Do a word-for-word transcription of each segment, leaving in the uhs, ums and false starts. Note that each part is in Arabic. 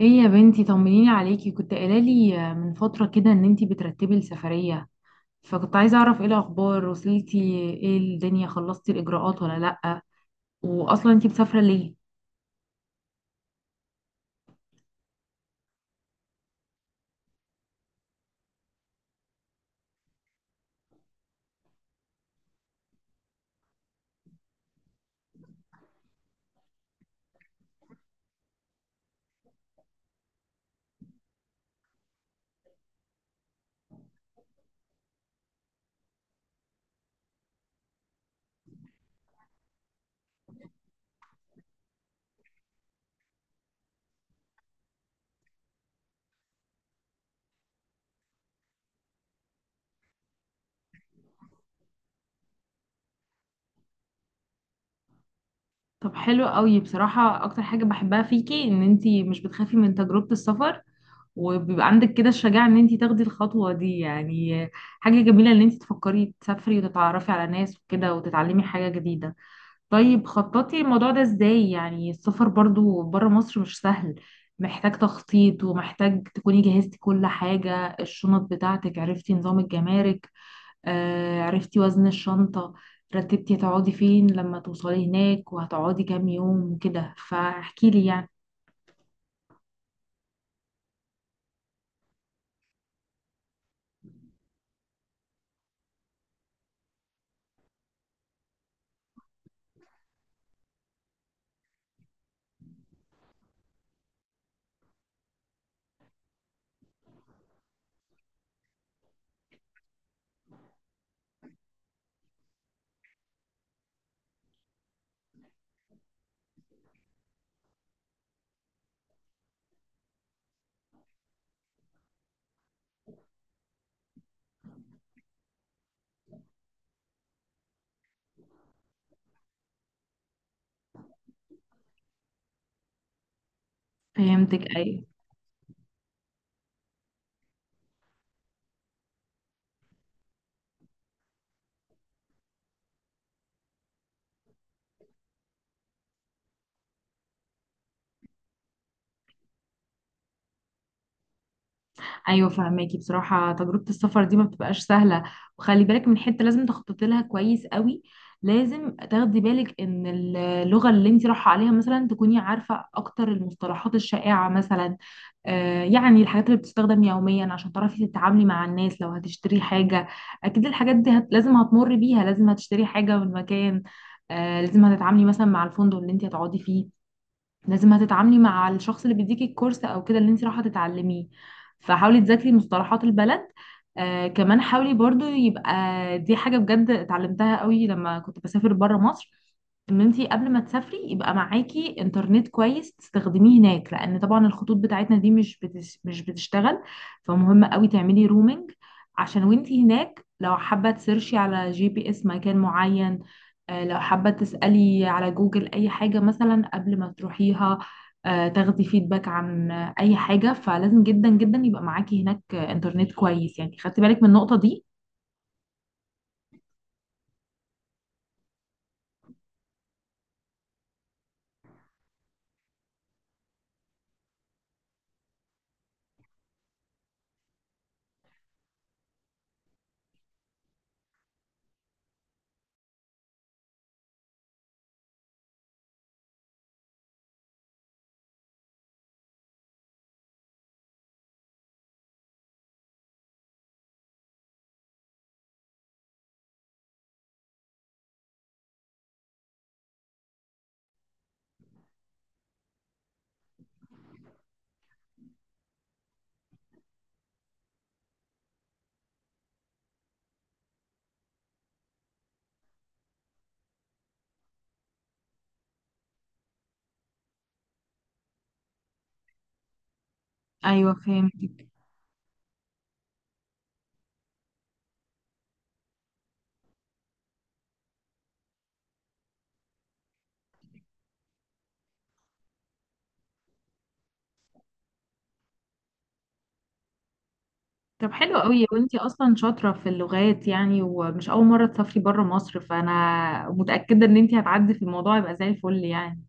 ايه يا بنتي، طمنيني عليكي. كنت قايله لي من فتره كده ان انتي بترتبي السفريه، فكنت عايزه اعرف ايه الاخبار. وصلتي؟ ايه الدنيا، خلصتي الاجراءات ولا لا؟ واصلا انتي مسافره ليه؟ طب حلو قوي، بصراحه اكتر حاجه بحبها فيكي ان انتي مش بتخافي من تجربه السفر، وبيبقى عندك كده الشجاعه ان انتي تاخدي الخطوه دي يعني. حاجه جميله ان انتي تفكري تسافري وتتعرفي على ناس وكده وتتعلمي حاجه جديده. طيب، خططي الموضوع ده ازاي؟ يعني السفر برضو بره مصر مش سهل، محتاج تخطيط، ومحتاج تكوني جهزتي كل حاجة. الشنط بتاعتك، عرفتي نظام الجمارك؟ آه، عرفتي وزن الشنطة؟ رتبتي هتقعدي فين لما توصلي هناك، وهتقعدي كام يوم وكده؟ فاحكيلي يعني. فهمتك، ايوه. ايوه فهماكي، بصراحه تجربه السفر دي ما بتبقاش سهله، وخلي بالك من حته لازم تخططي لها كويس قوي. لازم تاخدي بالك ان اللغه اللي انت رايحه عليها مثلا تكوني عارفه اكتر المصطلحات الشائعه مثلا، آه، يعني الحاجات اللي بتستخدم يوميا عشان تعرفي تتعاملي مع الناس لو هتشتري حاجة. أكيد الحاجات دي هت... لازم هتمر بيها، لازم هتشتري حاجة من مكان، آه، لازم هتتعاملي مثلا مع الفندق اللي انت هتقعدي فيه، لازم هتتعاملي مع الشخص اللي بيديكي الكورس او كده اللي انت رايحه تتعلميه. فحاولي تذاكري مصطلحات البلد. آه كمان حاولي برضو يبقى، دي حاجه بجد اتعلمتها قوي لما كنت بسافر بره مصر، ان انت قبل ما تسافري يبقى معاكي انترنت كويس تستخدميه هناك، لان طبعا الخطوط بتاعتنا دي مش بتش مش بتشتغل فمهم قوي تعملي رومينج عشان وانت هناك لو حابه تسيرشي على جي بي اس مكان معين، آه، لو حابة تسألي على جوجل أي حاجة مثلا قبل ما تروحيها، آه، تاخدي فيدباك عن آه، أي حاجة. فلازم جدا جدا يبقى معاكي هناك آه، إنترنت كويس. يعني خدتي بالك من النقطة دي؟ أيوة فهمتك. طب حلو قوي، وانتي أصلا شاطرة في اللغات يعني، ومش أول مرة تسافري بره مصر، فأنا متأكدة إن انتي هتعدي في الموضوع يبقى زي الفل يعني.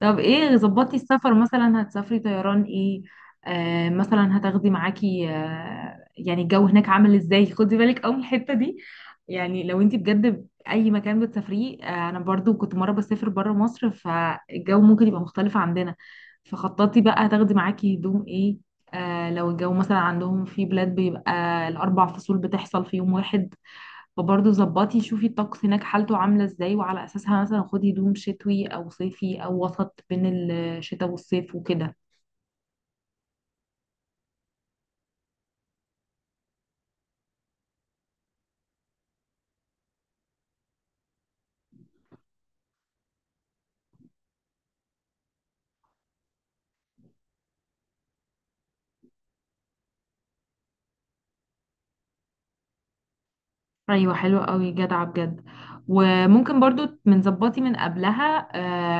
طب ايه ظبطتي السفر؟ مثلا هتسافري طيران ايه؟ آه مثلا هتاخدي معاكي آه، يعني الجو هناك عامل ازاي؟ خدي بالك قوي من الحتة دي، يعني لو انت بجد اي مكان بتسافريه آه، انا برضو كنت مرة بسافر بره مصر فالجو ممكن يبقى مختلف عندنا. فخططي بقى هتاخدي معاكي هدوم ايه. آه لو الجو مثلا عندهم في بلاد بيبقى الاربع فصول بتحصل في يوم واحد، فبرضه ظبطي شوفي الطقس هناك حالته عاملة ازاي، وعلى أساسها مثلا خدي هدوم شتوي أو صيفي أو وسط بين الشتاء والصيف وكده. ايوه حلو قوي، جدعه بجد. وممكن برضو من ظبطي من قبلها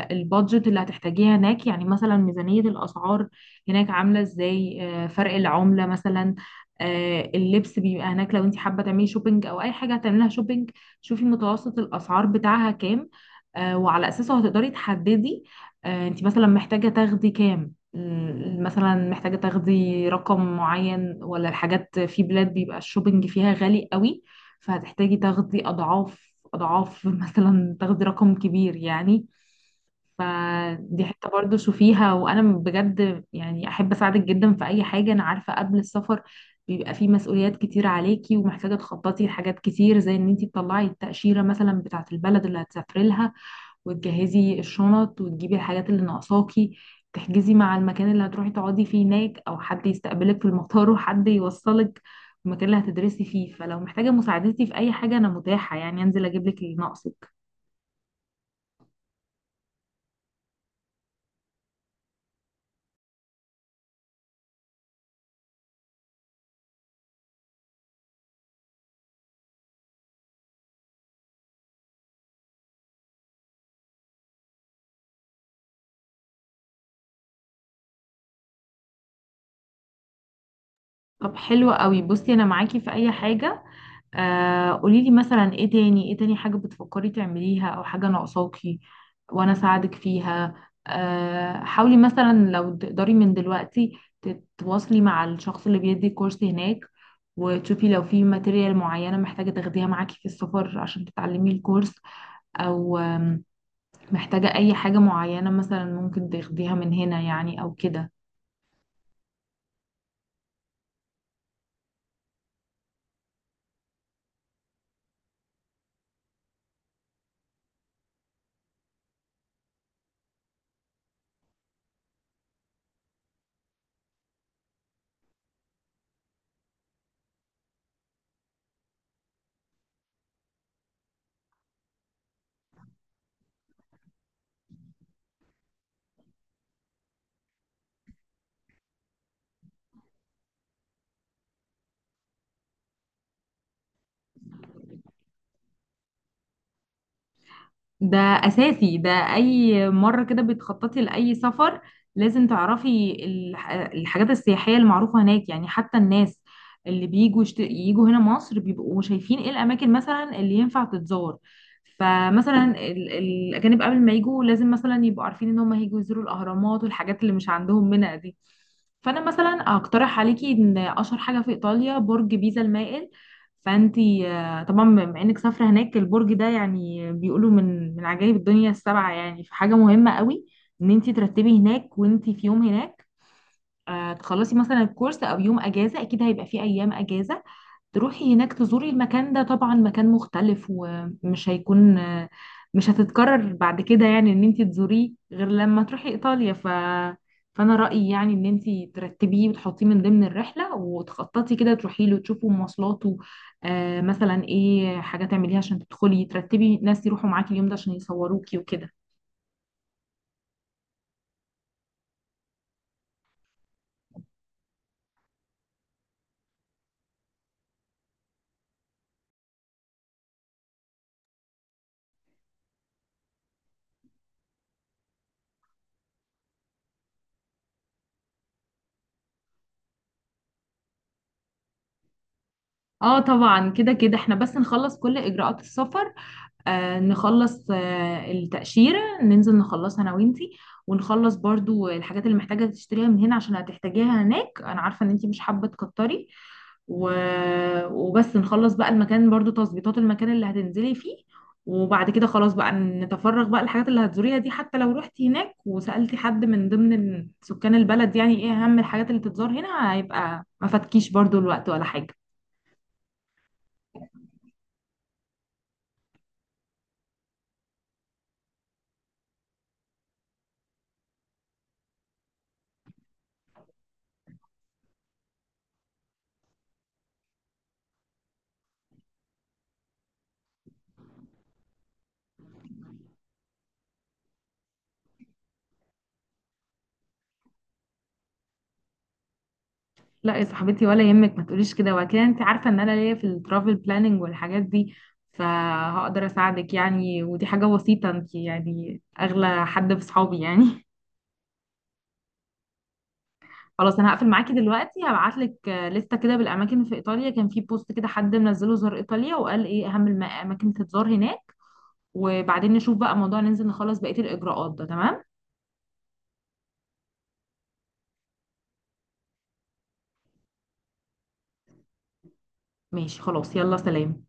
آه، البادجت اللي هتحتاجيها هناك. يعني مثلا ميزانية الأسعار هناك عاملة ازاي، آه، فرق العملة مثلا، آه، اللبس بيبقى هناك لو انت حابة تعملي شوبينج او اي حاجة هتعملها شوبينج. شوفي متوسط الأسعار بتاعها كام، آه، وعلى أساسه هتقدري تحددي آه، انت مثلا محتاجة تاخدي كام. م- مثلا محتاجة تاخدي رقم معين، ولا الحاجات في بلاد بيبقى الشوبينج فيها غالي قوي فهتحتاجي تاخدي أضعاف أضعاف مثلا تاخدي رقم كبير يعني. فدي حتة برضو شوفيها، وأنا بجد يعني أحب أساعدك جدا في أي حاجة. أنا عارفة قبل السفر بيبقى فيه مسؤوليات كتير عليكي، ومحتاجة تخططي لحاجات كتير، زي إن أنتي تطلعي التأشيرة مثلا بتاعة البلد اللي هتسافري لها، وتجهزي الشنط، وتجيبي الحاجات اللي ناقصاكي، تحجزي مع المكان اللي هتروحي تقعدي فيه هناك، او حد يستقبلك في المطار وحد يوصلك المكان اللي هتدرسي فيه. فلو محتاجة مساعدتي في اي حاجة انا متاحة يعني، انزل اجيب لك اللي ناقصك. طب حلو قوي، بصي انا معاكي في اي حاجة. آه قوليلي مثلا ايه تاني، ايه تاني حاجة بتفكري تعمليها او حاجة ناقصاكي وانا اساعدك فيها. آه حاولي مثلا لو تقدري من دلوقتي تتواصلي مع الشخص اللي بيدي كورس هناك، وتشوفي لو في ماتيريال معينة محتاجة تاخديها معاكي في السفر عشان تتعلمي الكورس، او آم، محتاجة اي حاجة معينة مثلا ممكن تاخديها من هنا يعني او كده. ده اساسي ده، اي مره كده بتخططي لاي سفر لازم تعرفي الح- الحاجات السياحيه المعروفه هناك. يعني حتى الناس اللي بيجوا يشت... يجوا هنا مصر بيبقوا شايفين ايه الاماكن مثلا اللي ينفع تتزار. فمثلا ال... الاجانب قبل ما يجوا لازم مثلا يبقوا عارفين ان هم هيجوا يزوروا الاهرامات والحاجات اللي مش عندهم منها دي. فانا مثلا اقترح عليكي ان اشهر حاجه في ايطاليا برج بيزا المائل. فانتي طبعا بما انك سافرة هناك، البرج ده يعني بيقولوا من من عجائب الدنيا السبعة يعني، فحاجة مهمة قوي ان انت ترتبي هناك وانت في يوم هناك، آه، تخلصي مثلا الكورس او يوم اجازة، اكيد هيبقى فيه ايام اجازة، تروحي هناك تزوري المكان ده. طبعا مكان مختلف ومش هيكون، مش هتتكرر بعد كده يعني ان انت تزوريه غير لما تروحي ايطاليا، ف فانا رأيي يعني ان انت ترتبيه وتحطيه من ضمن الرحلة وتخططي كده تروحي له تشوفوا مواصلاته. آه مثلا ايه حاجة تعمليها عشان تدخلي ترتبي ناس يروحوا معاكي اليوم ده عشان يصوروكي وكده. اه طبعا، كده كده احنا بس نخلص كل اجراءات السفر، آه، نخلص آه، التأشيرة، ننزل نخلصها أنا وإنتي، ونخلص برضو الحاجات اللي محتاجة تشتريها من هنا عشان هتحتاجيها هناك. أنا عارفة إن إنتي مش حابة تكتري، و... وبس نخلص بقى المكان برضو، تظبيطات المكان اللي هتنزلي فيه. وبعد كده خلاص بقى نتفرغ بقى الحاجات اللي هتزوريها دي. حتى لو رحتي هناك وسألتي حد من ضمن سكان البلد يعني إيه أهم الحاجات اللي تتزار هنا، هيبقى ما فاتكيش برضو الوقت ولا حاجة. لا يا صاحبتي، ولا يهمك، ما تقوليش كده وكده، انت عارفه ان انا ليا في الترافل بلاننج والحاجات دي، فهقدر اساعدك يعني، ودي حاجه بسيطه، انت يعني اغلى حد في صحابي يعني. خلاص، انا هقفل معاكي دلوقتي، هبعت لك لسته كده بالاماكن في ايطاليا، كان في بوست كده حد منزله زار ايطاليا وقال ايه اهم الاماكن تتزار هناك، وبعدين نشوف بقى موضوع ننزل نخلص بقيه الاجراءات. ده تمام؟ ماشي خلاص، يلا سلام.